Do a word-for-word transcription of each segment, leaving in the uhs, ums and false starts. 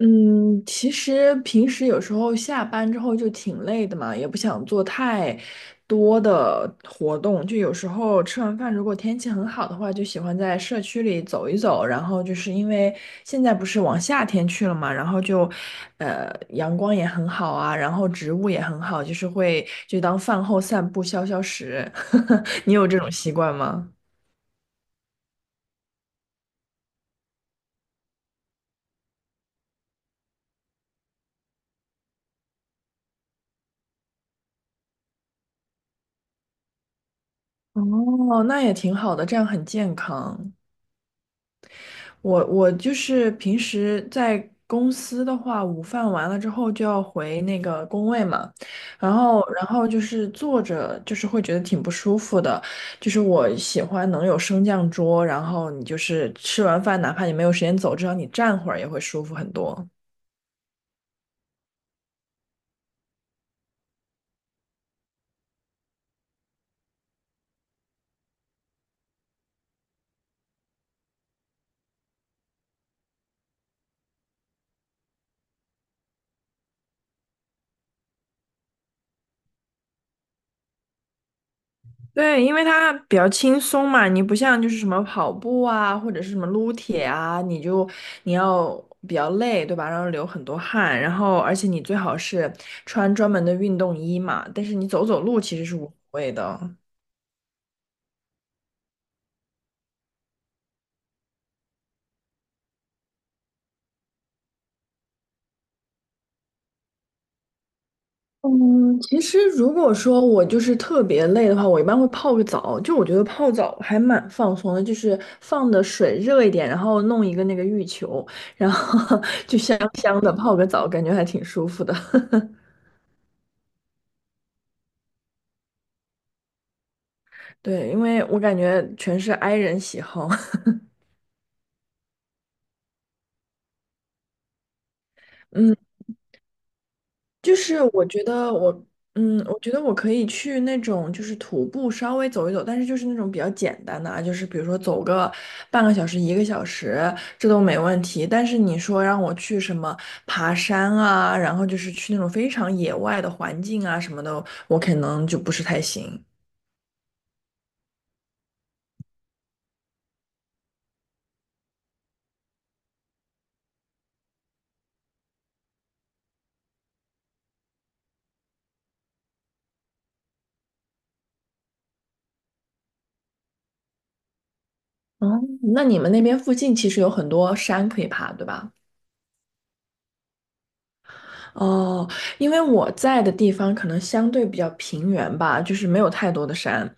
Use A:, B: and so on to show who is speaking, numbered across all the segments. A: 嗯，其实平时有时候下班之后就挺累的嘛，也不想做太多的活动。就有时候吃完饭，如果天气很好的话，就喜欢在社区里走一走。然后就是因为现在不是往夏天去了嘛，然后就，呃，阳光也很好啊，然后植物也很好，就是会就当饭后散步消消食。你有这种习惯吗？哦，那也挺好的，这样很健康。我我就是平时在公司的话，午饭完了之后就要回那个工位嘛，然后然后就是坐着，就是会觉得挺不舒服的。就是我喜欢能有升降桌，然后你就是吃完饭，哪怕你没有时间走，至少你站会儿也会舒服很多。对，因为它比较轻松嘛，你不像就是什么跑步啊，或者是什么撸铁啊，你就你要比较累，对吧？然后流很多汗，然后而且你最好是穿专门的运动衣嘛，但是你走走路其实是无所谓的。嗯，其实如果说我就是特别累的话，我一般会泡个澡。就我觉得泡澡还蛮放松的，就是放的水热一点，然后弄一个那个浴球，然后 就香香的泡个澡，感觉还挺舒服的。对，因为我感觉全是 i 人喜好，嗯，就是我觉得我，嗯，我觉得我可以去那种就是徒步稍微走一走，但是就是那种比较简单的啊，就是比如说走个半个小时、一个小时，这都没问题。但是你说让我去什么爬山啊，然后就是去那种非常野外的环境啊什么的，我可能就不是太行。哦，那你们那边附近其实有很多山可以爬，对吧？哦，因为我在的地方可能相对比较平原吧，就是没有太多的山。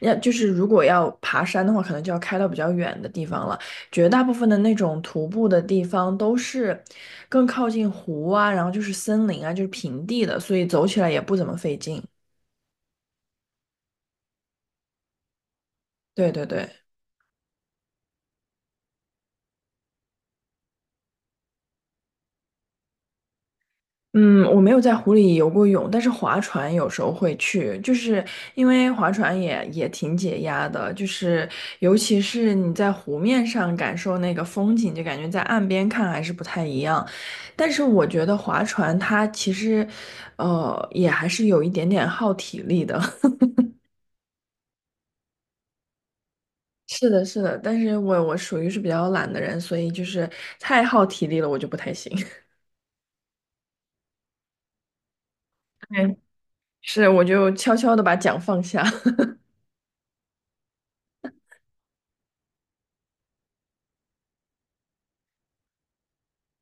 A: 要就是如果要爬山的话，可能就要开到比较远的地方了。绝大部分的那种徒步的地方都是更靠近湖啊，然后就是森林啊，就是平地的，所以走起来也不怎么费劲。对对对。嗯，我没有在湖里游过泳，但是划船有时候会去，就是因为划船也也挺解压的，就是尤其是你在湖面上感受那个风景，就感觉在岸边看还是不太一样。但是我觉得划船它其实，呃，也还是有一点点耗体力的。是的，是的，但是我我属于是比较懒的人，所以就是太耗体力了，我就不太行。对，是，我就悄悄的把桨放下。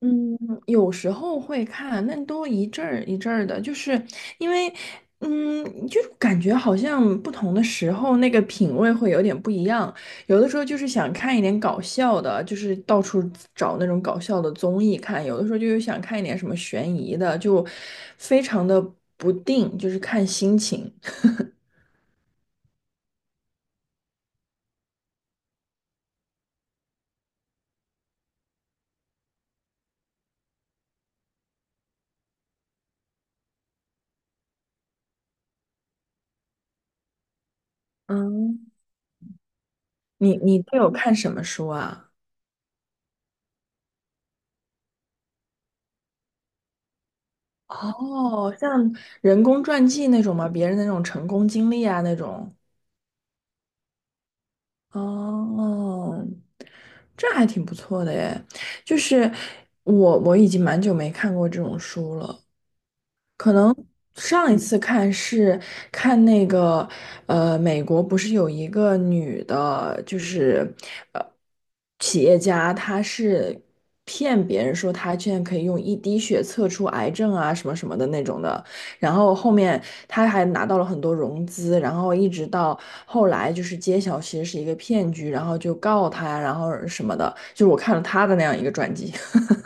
A: 嗯，有时候会看，但都一阵儿一阵儿的，就是因为，嗯，就是感觉好像不同的时候那个品味会有点不一样。有的时候就是想看一点搞笑的，就是到处找那种搞笑的综艺看；有的时候就是想看一点什么悬疑的，就非常的不定，就是看心情。嗯，你你都有看什么书啊？哦，像人工传记那种吗？别人的那种成功经历啊那种。哦，这还挺不错的耶。就是我我已经蛮久没看过这种书了，可能上一次看是看那个，呃，美国不是有一个女的，就是呃企业家，她是骗别人说她现在可以用一滴血测出癌症啊什么什么的那种的，然后后面她还拿到了很多融资，然后一直到后来就是揭晓其实是一个骗局，然后就告她，然后什么的，就是我看了她的那样一个传记。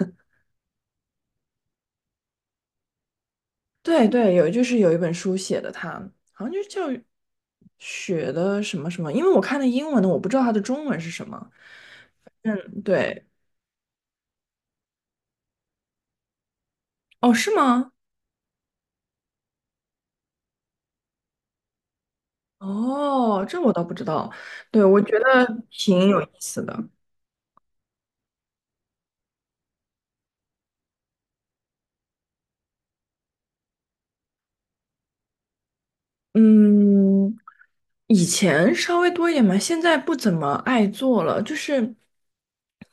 A: 对对，有就是有一本书写的他，好像就叫雪的什么什么，因为我看的英文的，我不知道它的中文是什么。嗯，对，哦，是吗？哦，这我倒不知道。对，我觉得挺有意思的。嗯，以前稍微多一点嘛，现在不怎么爱做了，就是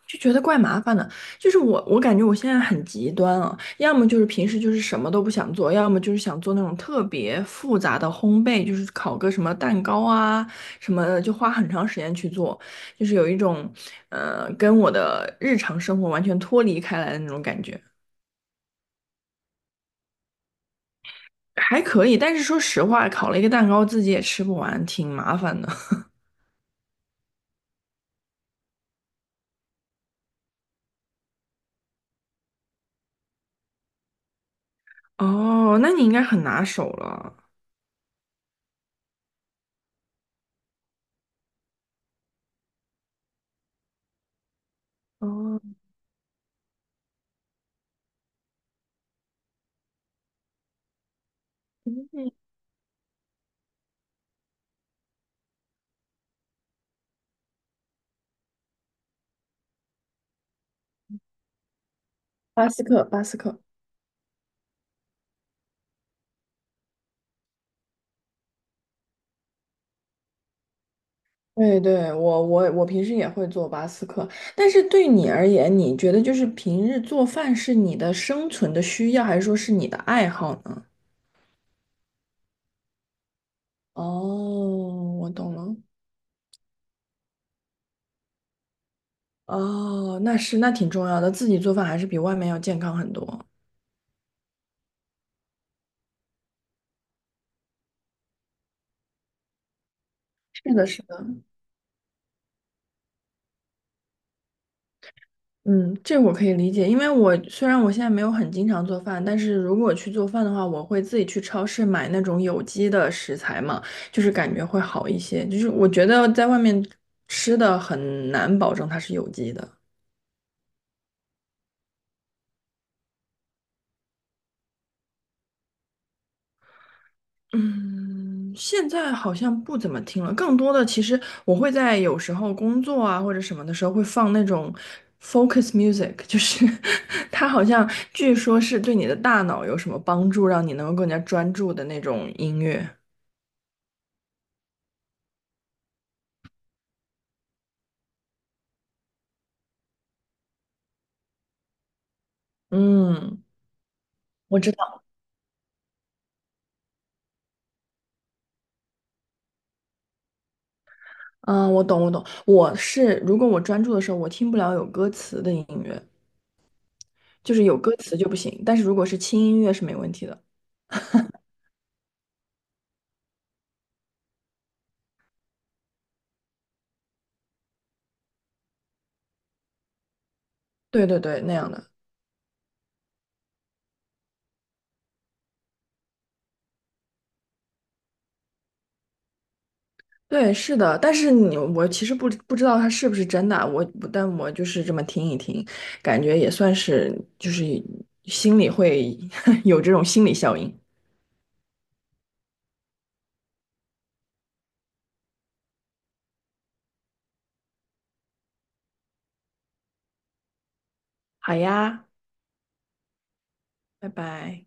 A: 就觉得怪麻烦的。就是我，我感觉我现在很极端啊，要么就是平时就是什么都不想做，要么就是想做那种特别复杂的烘焙，就是烤个什么蛋糕啊什么的，就花很长时间去做，就是有一种呃跟我的日常生活完全脱离开来的那种感觉。还可以，但是说实话，烤了一个蛋糕自己也吃不完，挺麻烦的。哦，那你应该很拿手了。哦，嗯巴斯克，巴斯克，对对，我我我平时也会做巴斯克，但是对你而言，你觉得就是平日做饭是你的生存的需要，还是说是你的爱好呢？哦，我懂了。哦，那是，那挺重要的，自己做饭还是比外面要健康很多。是的，是。的。嗯，这我可以理解，因为我虽然我现在没有很经常做饭，但是如果去做饭的话，我会自己去超市买那种有机的食材嘛，就是感觉会好一些。就是我觉得在外面吃的很难保证它是有机的。嗯，现在好像不怎么听了，更多的其实我会在有时候工作啊或者什么的时候会放那种 focus music,就是 它好像据说是对你的大脑有什么帮助，让你能够更加专注的那种音乐。嗯，我知道，嗯，我懂，我懂。我是如果我专注的时候，我听不了有歌词的音乐，就是有歌词就不行。但是如果是轻音乐是没问题的。对对对，那样的。对，是的。但是你，我其实不不知道它是不是真的啊，我但我就是这么听一听，感觉也算是就是心里会 有这种心理效应。好呀，拜拜。